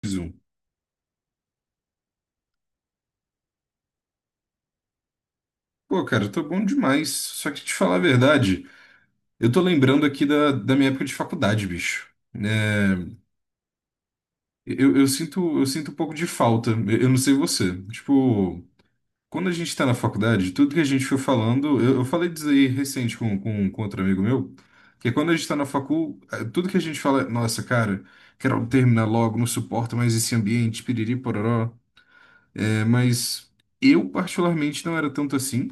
Preciso. Pô, cara, eu tô bom demais. Só que te falar a verdade, eu tô lembrando aqui da minha época de faculdade, bicho. É, eu sinto um pouco de falta. Eu não sei você. Tipo, quando a gente tá na faculdade, tudo que a gente foi falando, eu falei disso aí recente com outro amigo meu, que é quando a gente tá na facul, tudo que a gente fala, é, nossa, cara, quero terminar logo, não suporto mais esse ambiente, piriri, pororó. É, mas eu, particularmente, não era tanto assim.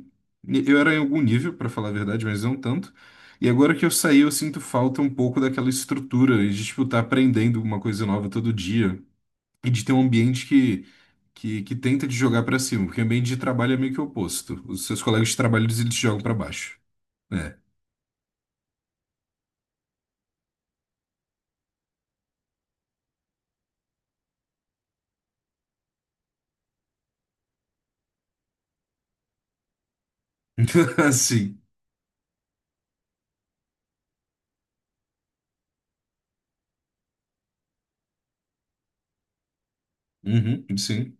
Eu era em algum nível, para falar a verdade, mas não tanto. E agora que eu saí, eu sinto falta um pouco daquela estrutura de, tipo, estar aprendendo uma coisa nova todo dia e de ter um ambiente que tenta te jogar para cima, porque o ambiente de trabalho é meio que o oposto. Os seus colegas de trabalho, eles te jogam para baixo. É. Assim. Uhum, sim.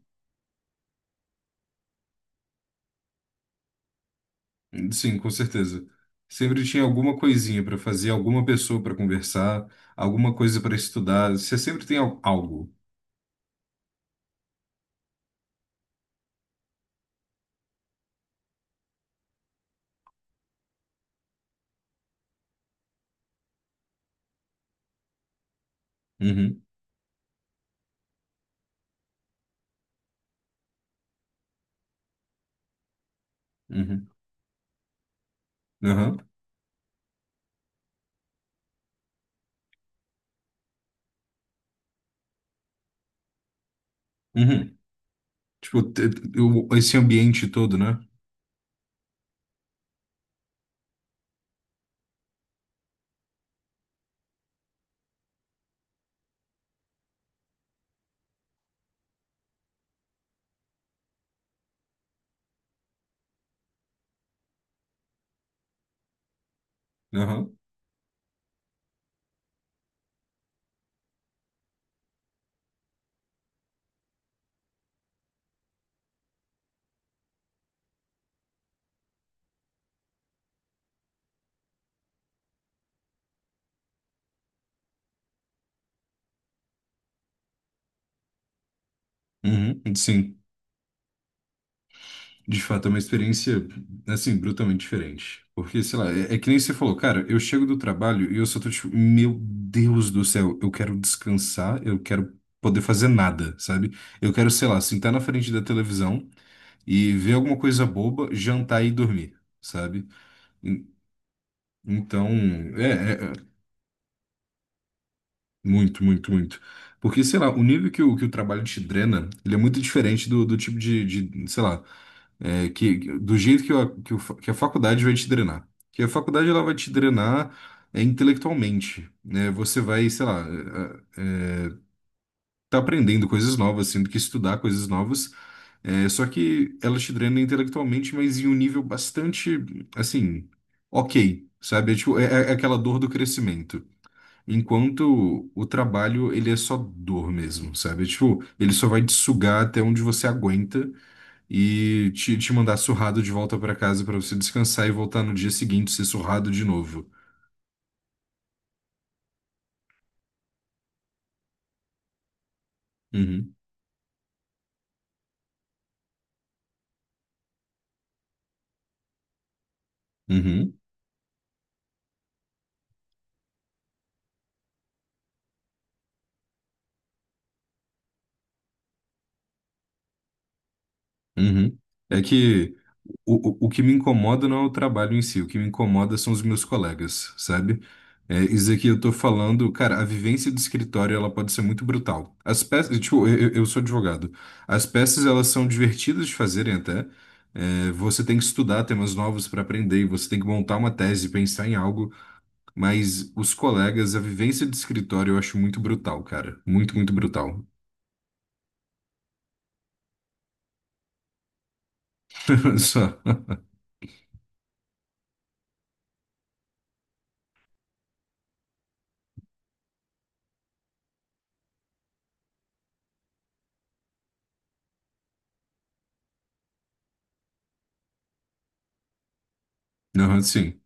Sim, com certeza. Sempre tinha alguma coisinha para fazer, alguma pessoa para conversar, alguma coisa para estudar. Você sempre tem algo. Uhum, uhum, aham, uhum. Tipo, esse ambiente todo, né? Aham, uhum, sim. De fato, é uma experiência, assim, brutalmente diferente. Porque, sei lá, é que nem você falou, cara, eu chego do trabalho e eu só tô tipo, meu Deus do céu, eu quero descansar, eu quero poder fazer nada, sabe? Eu quero, sei lá, sentar na frente da televisão e ver alguma coisa boba, jantar e dormir, sabe? En- Então, é, é, é, muito, muito, muito. Porque, sei lá, o nível que o trabalho te drena, ele é muito diferente do tipo de, sei lá, é, que, do jeito que a faculdade vai te drenar. Que a faculdade, ela vai te drenar intelectualmente, né? Você vai, sei lá, é, é, tá aprendendo coisas novas, tendo que estudar coisas novas. É, só que ela te drena intelectualmente, mas em um nível bastante, assim, ok, sabe? É, tipo, é aquela dor do crescimento. Enquanto o trabalho, ele é só dor mesmo, sabe? É, tipo, ele só vai te sugar até onde você aguenta e te mandar surrado de volta pra casa pra você descansar e voltar no dia seguinte ser surrado de novo. Uhum, uhum. Uhum. É que o que me incomoda não é o trabalho em si, o que me incomoda são os meus colegas, sabe? É, isso aqui eu tô falando, cara, a vivência do escritório ela pode ser muito brutal. As peças, tipo, eu sou advogado. As peças elas são divertidas de fazerem até. É, você tem que estudar temas novos para aprender, e você tem que montar uma tese, pensar em algo, mas os colegas, a vivência do escritório eu acho muito brutal, cara. Muito, muito brutal. Só. Não, sim.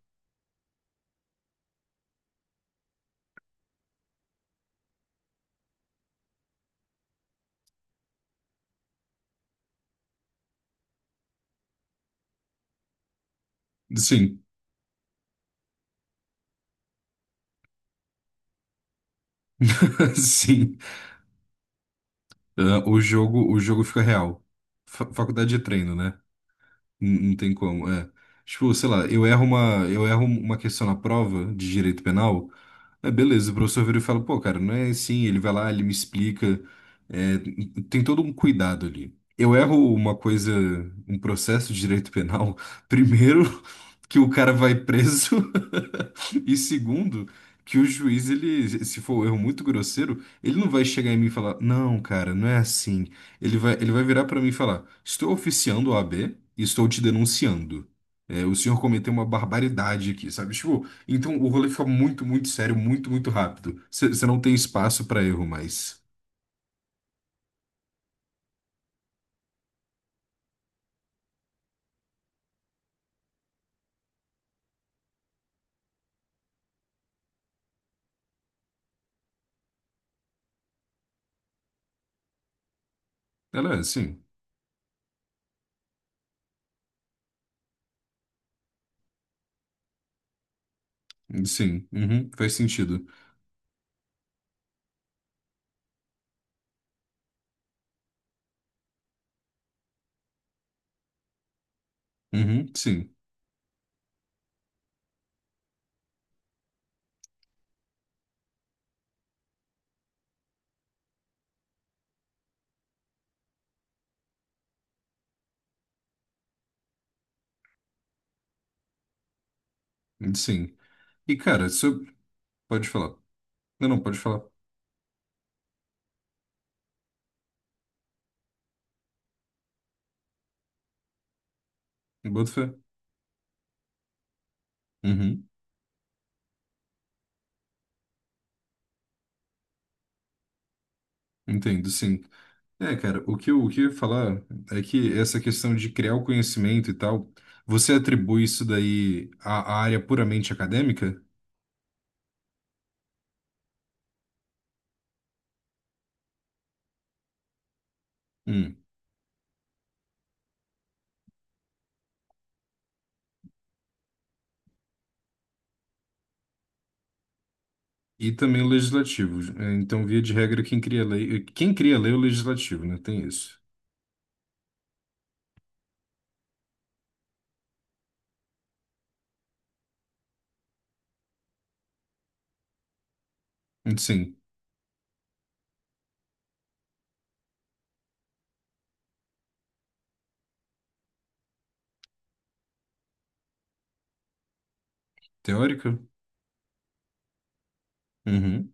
Sim. Sim. Ah, o jogo fica real. Faculdade de treino, né? Não tem como, é. Tipo, sei lá, eu erro uma questão na prova de direito penal, é beleza, o professor vira e fala, pô, cara, não é assim, ele vai lá, ele me explica, é, tem todo um cuidado ali. Eu erro uma coisa, um processo de direito penal, primeiro que o cara vai preso, e segundo, que o juiz, ele, se for um erro muito grosseiro, ele não vai chegar em mim e falar, não, cara, não é assim. Ele vai virar pra mim e falar, estou oficiando a OAB e estou te denunciando. É, o senhor cometeu uma barbaridade aqui, sabe? Tipo, então o rolê fica muito, muito sério, muito, muito rápido. Você não tem espaço pra erro mais. Ela é, sim. Sim. Uhum, faz sentido. Uhum, sim. Sim. E, cara, isso. Pode falar. Não, não, pode falar. Boto fé. Uhum. Entendo, sim. É, cara, o que eu ia falar é que essa questão de criar o conhecimento e tal, você atribui isso daí à área puramente acadêmica? Hum. E também o legislativo. É, então, via de regra, quem cria lei é o legislativo, né? Tem isso. Sim, teórica? Uhum.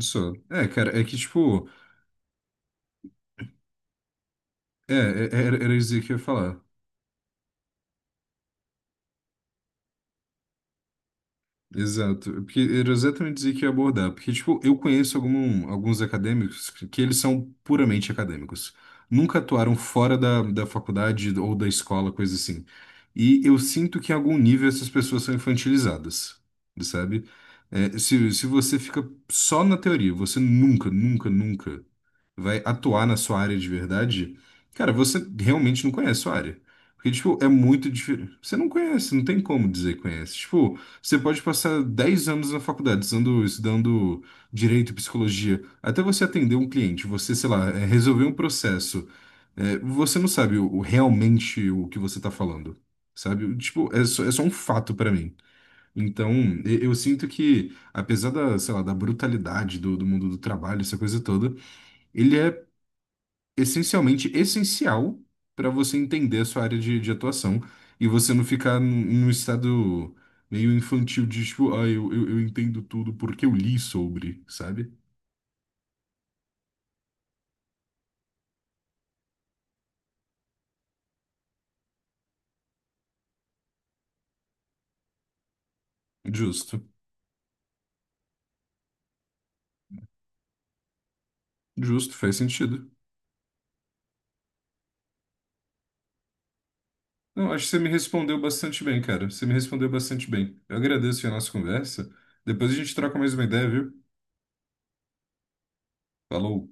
Só. É, cara, é que, tipo, era isso que eu ia falar. Exato, porque era exatamente isso que eu ia abordar, porque, tipo, eu conheço alguns acadêmicos que eles são puramente acadêmicos, nunca atuaram fora da faculdade ou da escola, coisa assim, e eu sinto que em algum nível essas pessoas são infantilizadas, sabe? É, se você fica só na teoria, você nunca, nunca, nunca vai atuar na sua área de verdade, cara, você realmente não conhece a sua área. Porque, tipo, é muito diferente. Você não conhece, não tem como dizer que conhece. Tipo, você pode passar 10 anos na faculdade estudando direito e psicologia, até você atender um cliente, você, sei lá, resolver um processo. É, você não sabe realmente o que você tá falando, sabe? Tipo, é só um fato pra mim. Então, eu sinto que, apesar da, sei lá, da brutalidade do mundo do trabalho, essa coisa toda, ele é essencialmente essencial para você entender a sua área de atuação e você não ficar num estado meio infantil de tipo, ah, eu entendo tudo porque eu li sobre, sabe? Justo, justo, faz sentido. Não, acho que você me respondeu bastante bem, cara. Você me respondeu bastante bem. Eu agradeço a nossa conversa. Depois a gente troca mais uma ideia, viu? Falou.